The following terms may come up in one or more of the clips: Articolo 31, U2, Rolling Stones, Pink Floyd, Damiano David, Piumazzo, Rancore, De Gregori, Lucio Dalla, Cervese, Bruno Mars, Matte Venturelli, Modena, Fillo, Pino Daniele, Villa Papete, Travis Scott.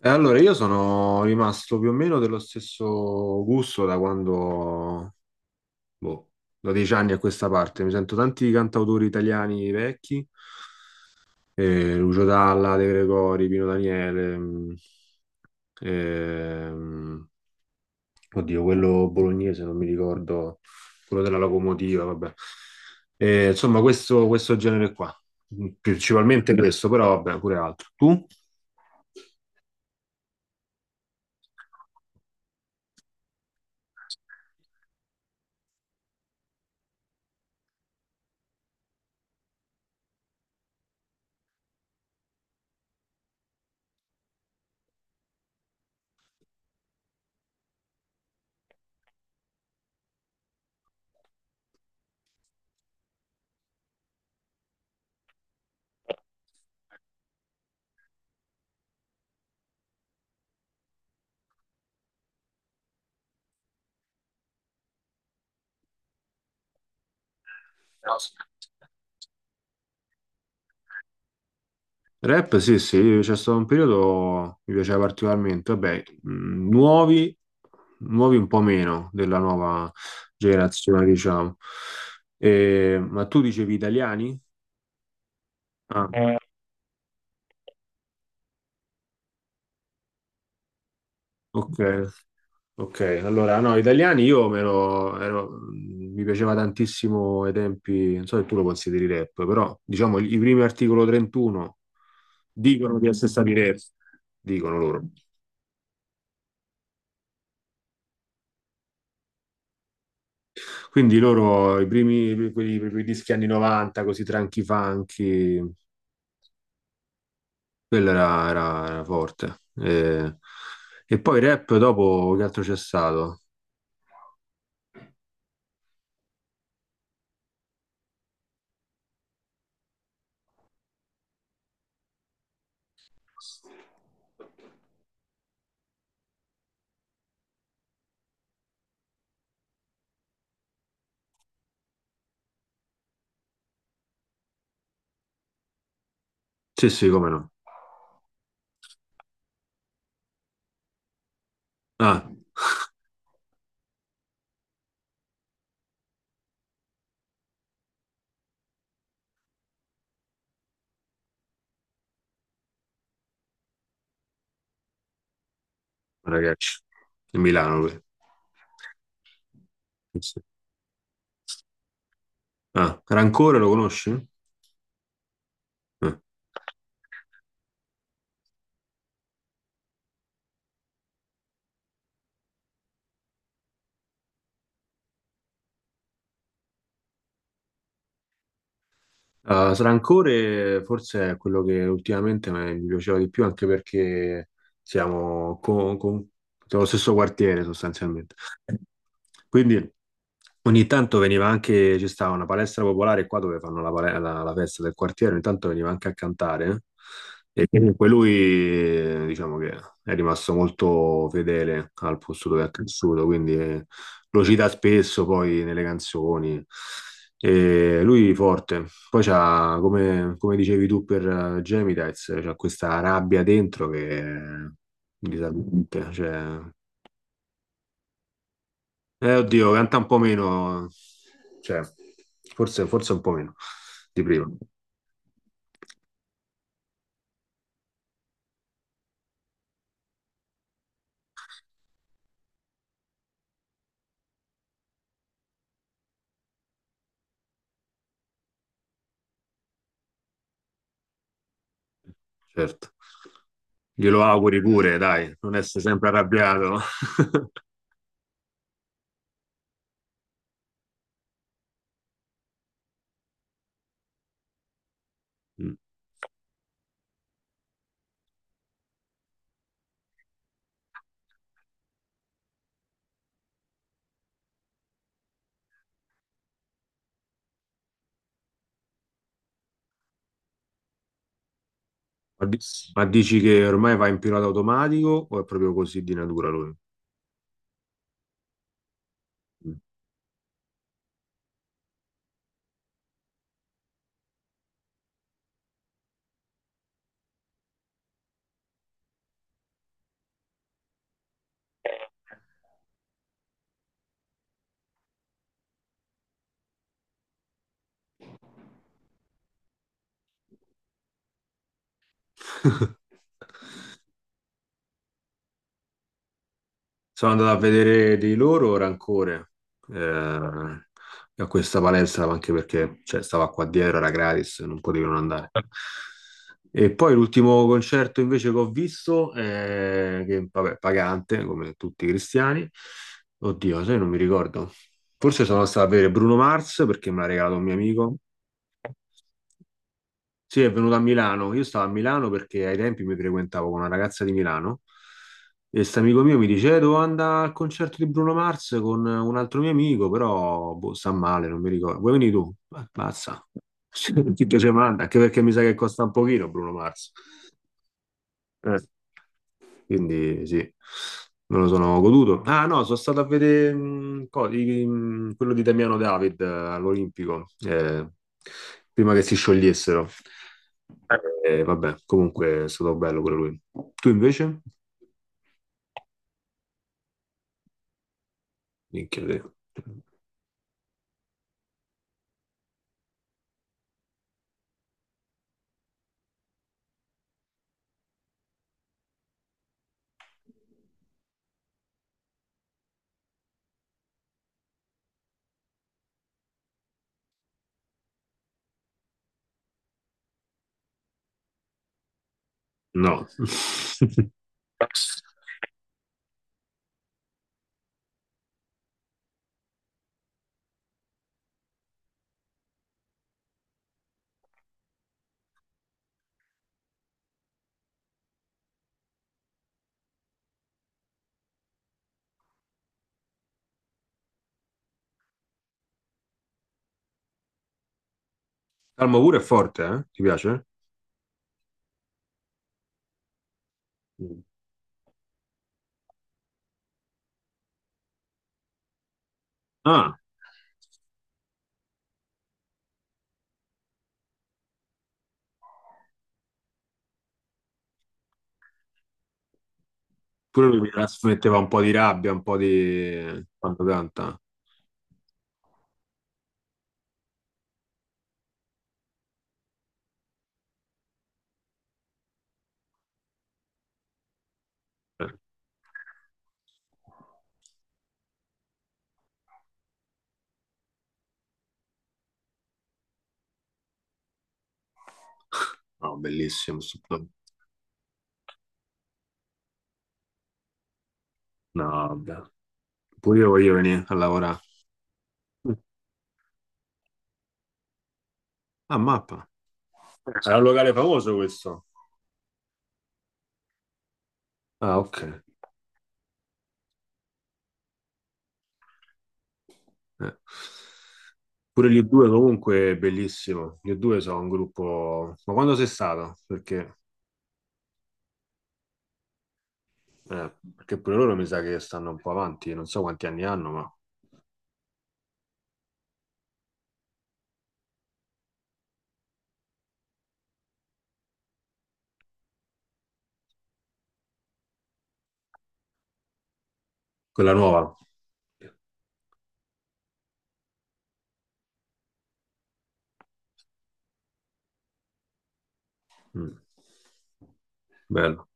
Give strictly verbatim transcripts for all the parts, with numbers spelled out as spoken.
E allora, io sono rimasto più o meno dello stesso gusto da quando, boh, da dieci anni a questa parte. Mi sento tanti cantautori italiani vecchi, eh, Lucio Dalla, De Gregori, Pino Daniele, mh, ehm, oddio, quello bolognese, non mi ricordo, quello della locomotiva, vabbè. Eh, insomma, questo, questo genere qua, principalmente questo, però vabbè, pure altro. Tu? Rap, sì, sì, c'è stato un periodo che mi piaceva particolarmente. Vabbè, mh, nuovi, nuovi un po' meno della nuova generazione, diciamo. E- ma tu dicevi italiani? Ah, ok, ok. Allora, no, italiani io me lo- ero- mh, mi piaceva tantissimo ai tempi, non so se tu lo consideri rap, però diciamo i primi Articolo trentuno dicono di essere stati rap, dicono loro. Quindi loro, i primi, quelli, i primi dischi anni novanta, così Tranchi Funky, quello era, era- era forte. E, e poi rap dopo che altro c'è stato? Sì, sì, come no. Ah, ragazzi, di Milano lui. Sì, sì. Ah, Rancore lo conosci? Eh. Ah, Rancore forse è quello che ultimamente me- mi piaceva di più, anche perché siamo con, con- siamo lo stesso quartiere sostanzialmente. Quindi... Ogni tanto veniva anche, ci stava una palestra popolare qua dove fanno la, pale- la- la festa del quartiere, ogni tanto veniva anche a cantare. Eh. E comunque lui, eh, diciamo che è rimasto molto fedele al posto dove è cresciuto, quindi eh, lo cita spesso poi nelle canzoni. E lui forte. Poi c'ha, come, come dicevi tu per eh, Gemidites, c'ha questa rabbia dentro che è disarmante, cioè eh, oddio, canta un po' meno, cioè, forse, forse un po' meno di prima, certo. Glielo auguri pure, dai, non essere sempre arrabbiato. Mm. Ma, di- ma dici che ormai va in pilota automatico o è proprio così di natura lui? Mm. Sono andato a vedere di loro Rancore, eh, a questa palestra, anche perché cioè, stava qua dietro, era gratis, non potevo non andare. E poi l'ultimo concerto invece che ho visto, eh, che vabbè, pagante, come tutti i cristiani, oddio, sai, non mi ricordo. Forse sono stato a vedere Bruno Mars perché me l'ha regalato un mio amico. Sì, è venuto a Milano. Io stavo a Milano perché ai tempi mi frequentavo con una ragazza di Milano e questo amico mio mi dice: "Eh, Devo andare al concerto di Bruno Mars con un altro mio amico, però boh, sta male, non mi ricordo. Vuoi venire tu?" Eh, Mazza, chi te ce manda? Anche perché mi sa che costa un pochino Bruno Mars. Eh. Quindi sì, me lo sono goduto. Ah no, sono stato a vedere mh, co- i- mh, quello di Damiano David eh, all'Olimpico, eh, prima che si sciogliessero. Eh, vabbè, comunque è stato bello pure lui. Tu invece? Minchia te. No. Calmo pure è forte, eh? Ti piace? Mm. Ah, pure lui mi trasmetteva un po' di rabbia, un po' di... eh, Quanto canta? Eh, No, bellissimo. sto- No, vabbè. Pure io voglio venire a lavorare. Ah, mappa. Era un locale famoso questo. Ah, ok. Eh. Pure gli U due comunque è bellissimo. Gli U due sono un gruppo... Ma quando sei stato? Perché, eh, perché pure loro mi sa che stanno un po' avanti, non so quanti anni hanno, ma quella nuova. Mm. Bello.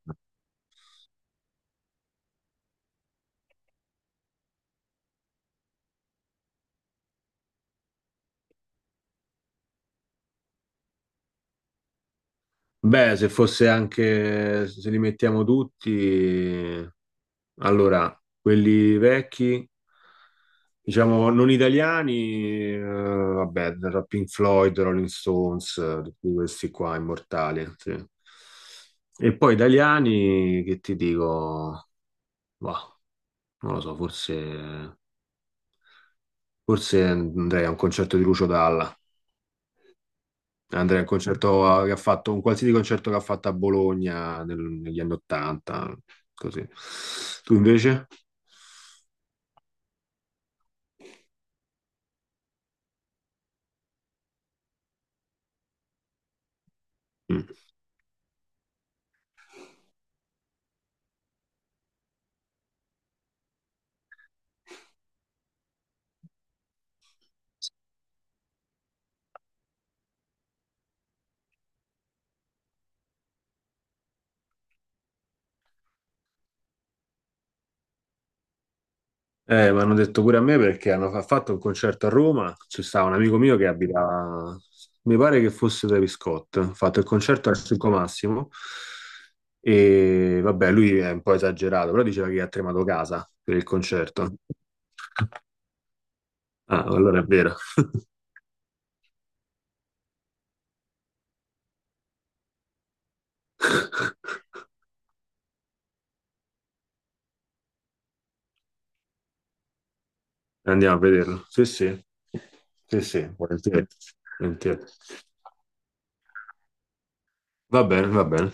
Beh, se fosse anche, se li mettiamo tutti, allora, quelli vecchi, diciamo non italiani, eh, vabbè, da Pink Floyd, Rolling Stones, eh, tutti questi qua immortali. Sì. E poi italiani, che ti dico, bah, non lo so, forse, forse andrei a un concerto di Lucio Dalla. Andrei a un concerto a- che ha fatto, un qualsiasi concerto che ha fatto a Bologna nel- negli anni Ottanta, così. Tu invece? Mm. Eh, mi hanno detto pure a me perché hanno fa- fatto un concerto a Roma, c'è stato un amico mio che abita, mi pare che fosse Travis Scott, ha fatto il concerto al Circo Massimo e vabbè, lui è un po' esagerato, però diceva che ha tremato casa per il concerto. Ah, allora è vero. Andiamo a vederlo. Sì, sì, sì, sì, volentieri. Volentieri. Va bene, va bene.